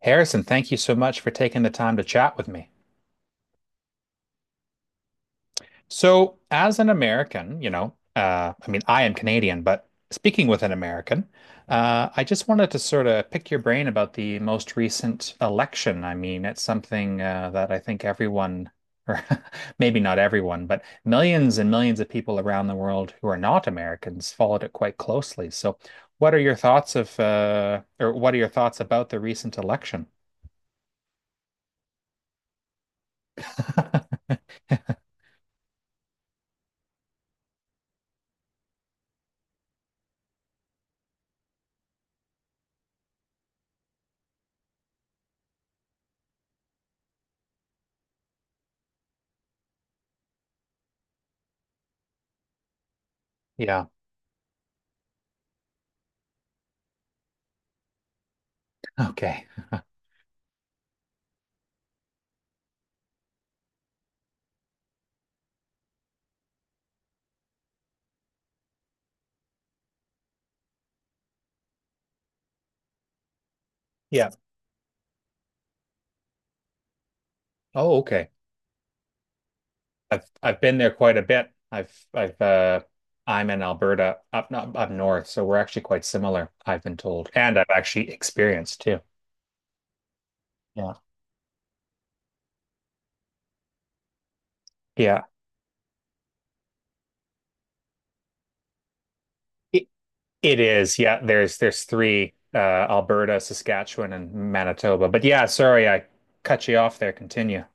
Harrison, thank you so much for taking the time to chat with me. So, as an American, you know, I am Canadian, but speaking with an American, I just wanted to sort of pick your brain about the most recent election. I mean, it's something that I think everyone, or maybe not everyone, but millions and millions of people around the world who are not Americans followed it quite closely. So, what are your thoughts of, or what are your thoughts about the recent election? Yeah. Okay. Yeah. Oh, okay. I've been there quite a bit. I've I'm in Alberta up not up north, so we're actually quite similar, I've been told. And I've actually experienced too. Yeah. Yeah. It, it is. Yeah, there's three Alberta, Saskatchewan, and Manitoba. But yeah, sorry, I cut you off there. Continue.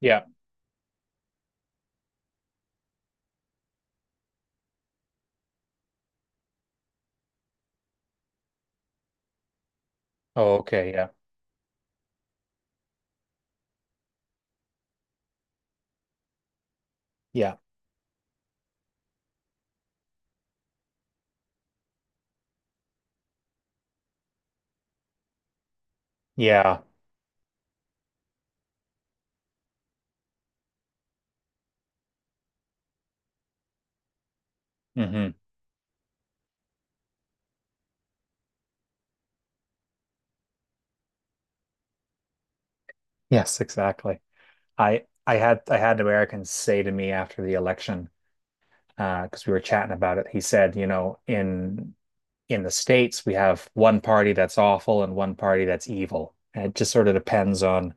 Yeah. Oh, okay. Yeah. Yeah. Yeah. Hmm. Yes, exactly. I had Americans say to me after the election because we were chatting about it. He said, you know, in the States, we have one party that's awful and one party that's evil. And it just sort of depends on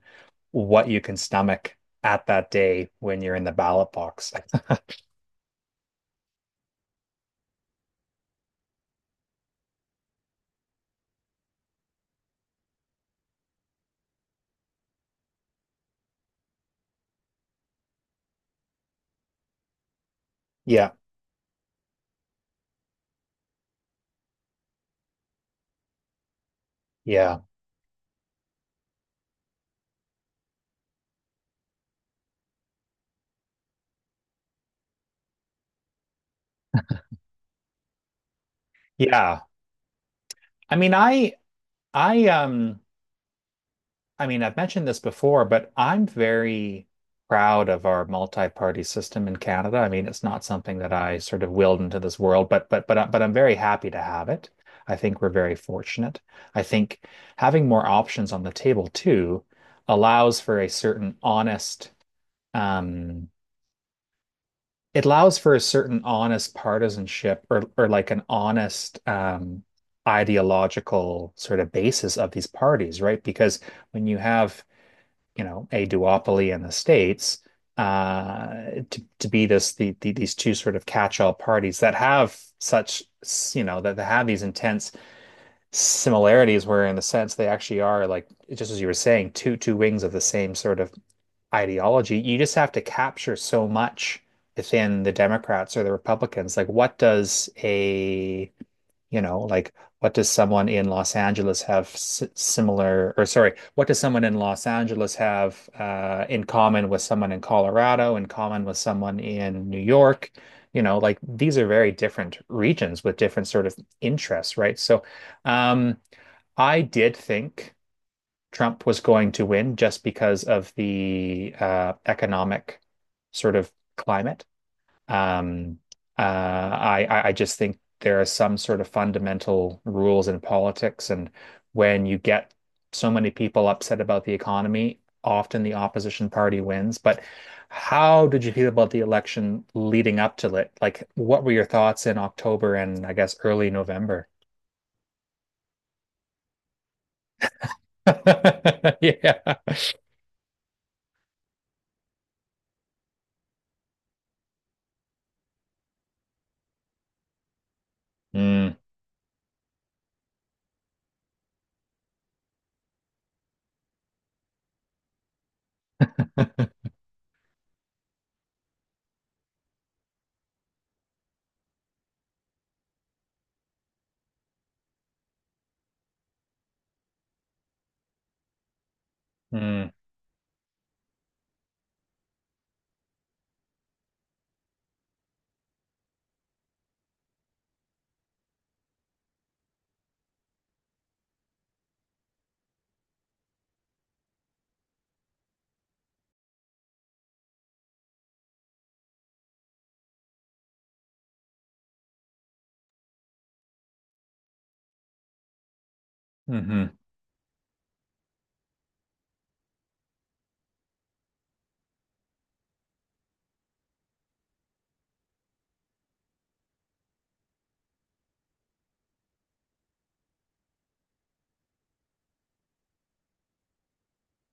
what you can stomach at that day when you're in the ballot box. Yeah, yeah, yeah. I mean, I um I've mentioned this before, but I'm very proud of our multi-party system in Canada. I mean, it's not something that I sort of willed into this world, but but I'm very happy to have it. I think we're very fortunate. I think having more options on the table too allows for a certain honest um it allows for a certain honest partisanship or like an honest ideological sort of basis of these parties, right? Because when you have you know, a duopoly in the States, uh, to be the these two sort of catch-all parties that have such you know that have these intense similarities where in the sense they actually are like just as you were saying two wings of the same sort of ideology you just have to capture so much within the Democrats or the Republicans like what does a you know, like what does someone in Los Angeles have s similar, or sorry, what does someone in Los Angeles have in common with someone in Colorado, in common with someone in New York? You know, like these are very different regions with different sort of interests, right? So, um, I did think Trump was going to win just because of the economic sort of climate. Um, I just think there are some sort of fundamental rules in politics, and when you get so many people upset about the economy, often the opposition party wins. But how did you feel about the election leading up to it? Like, what were your thoughts in October and I guess early November? Yeah. Mm, mm, hmm. Mm-hmm.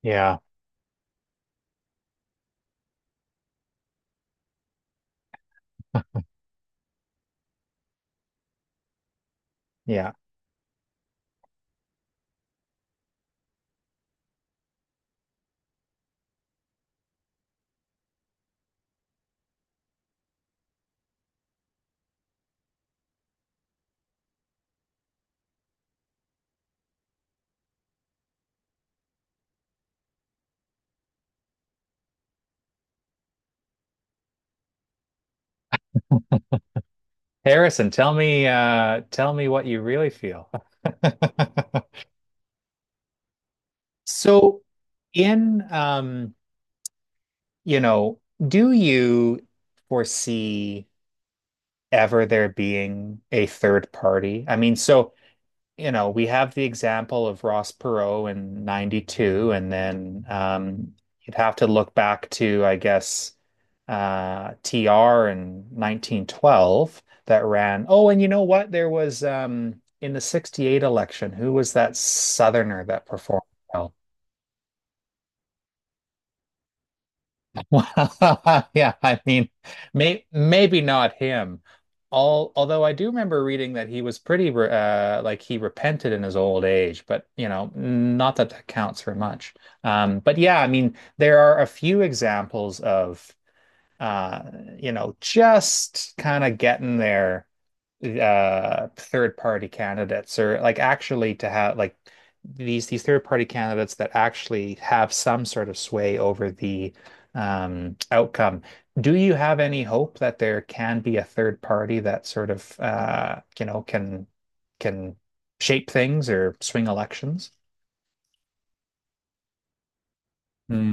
Yeah. Yeah. Harrison, tell me what you really feel. So in you know, do you foresee ever there being a third party? I mean, so you know, we have the example of Ross Perot in 92, and then you'd have to look back to, I guess, TR in 1912 that ran. Oh, and you know what? There was in the 68 election, who was that Southerner that performed? Well? Wow. Yeah, I mean, maybe not him. Although I do remember reading that he was pretty, like he repented in his old age, but you know, not that that counts for much. But yeah, I mean, there are a few examples of, uh, you know, just kind of getting there third party candidates or like actually to have like these third party candidates that actually have some sort of sway over the outcome. Do you have any hope that there can be a third party that sort of you know can shape things or swing elections? Mm,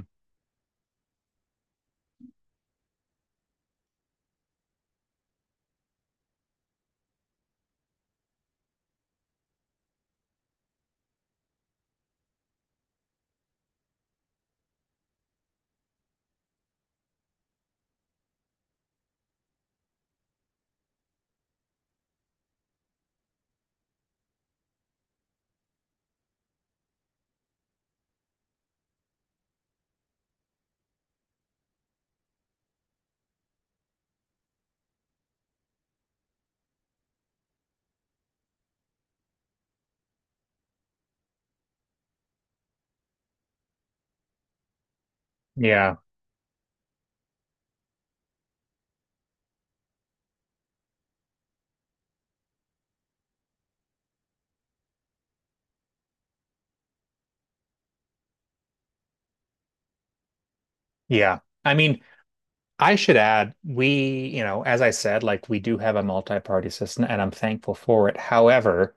yeah. Yeah. I mean, I should add, we, you know, as I said, like we do have a multi-party system and I'm thankful for it. However,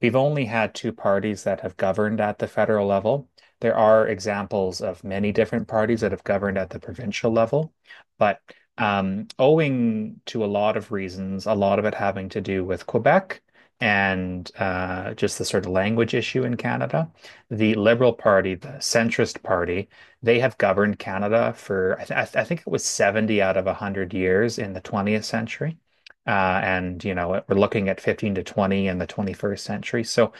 we've only had two parties that have governed at the federal level. There are examples of many different parties that have governed at the provincial level, but owing to a lot of reasons, a lot of it having to do with Quebec and just the sort of language issue in Canada, the Liberal Party, the centrist party, they have governed Canada for, I think it was 70 out of 100 years in the 20th century. And, you know, we're looking at 15 to 20 in the 21st century. So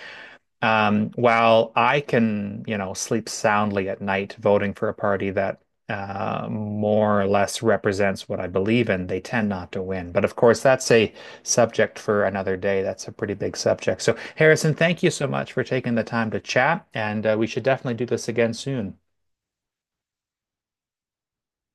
while I can, you know, sleep soundly at night voting for a party that more or less represents what I believe in, they tend not to win. But of course, that's a subject for another day. That's a pretty big subject. So, Harrison, thank you so much for taking the time to chat, and we should definitely do this again soon.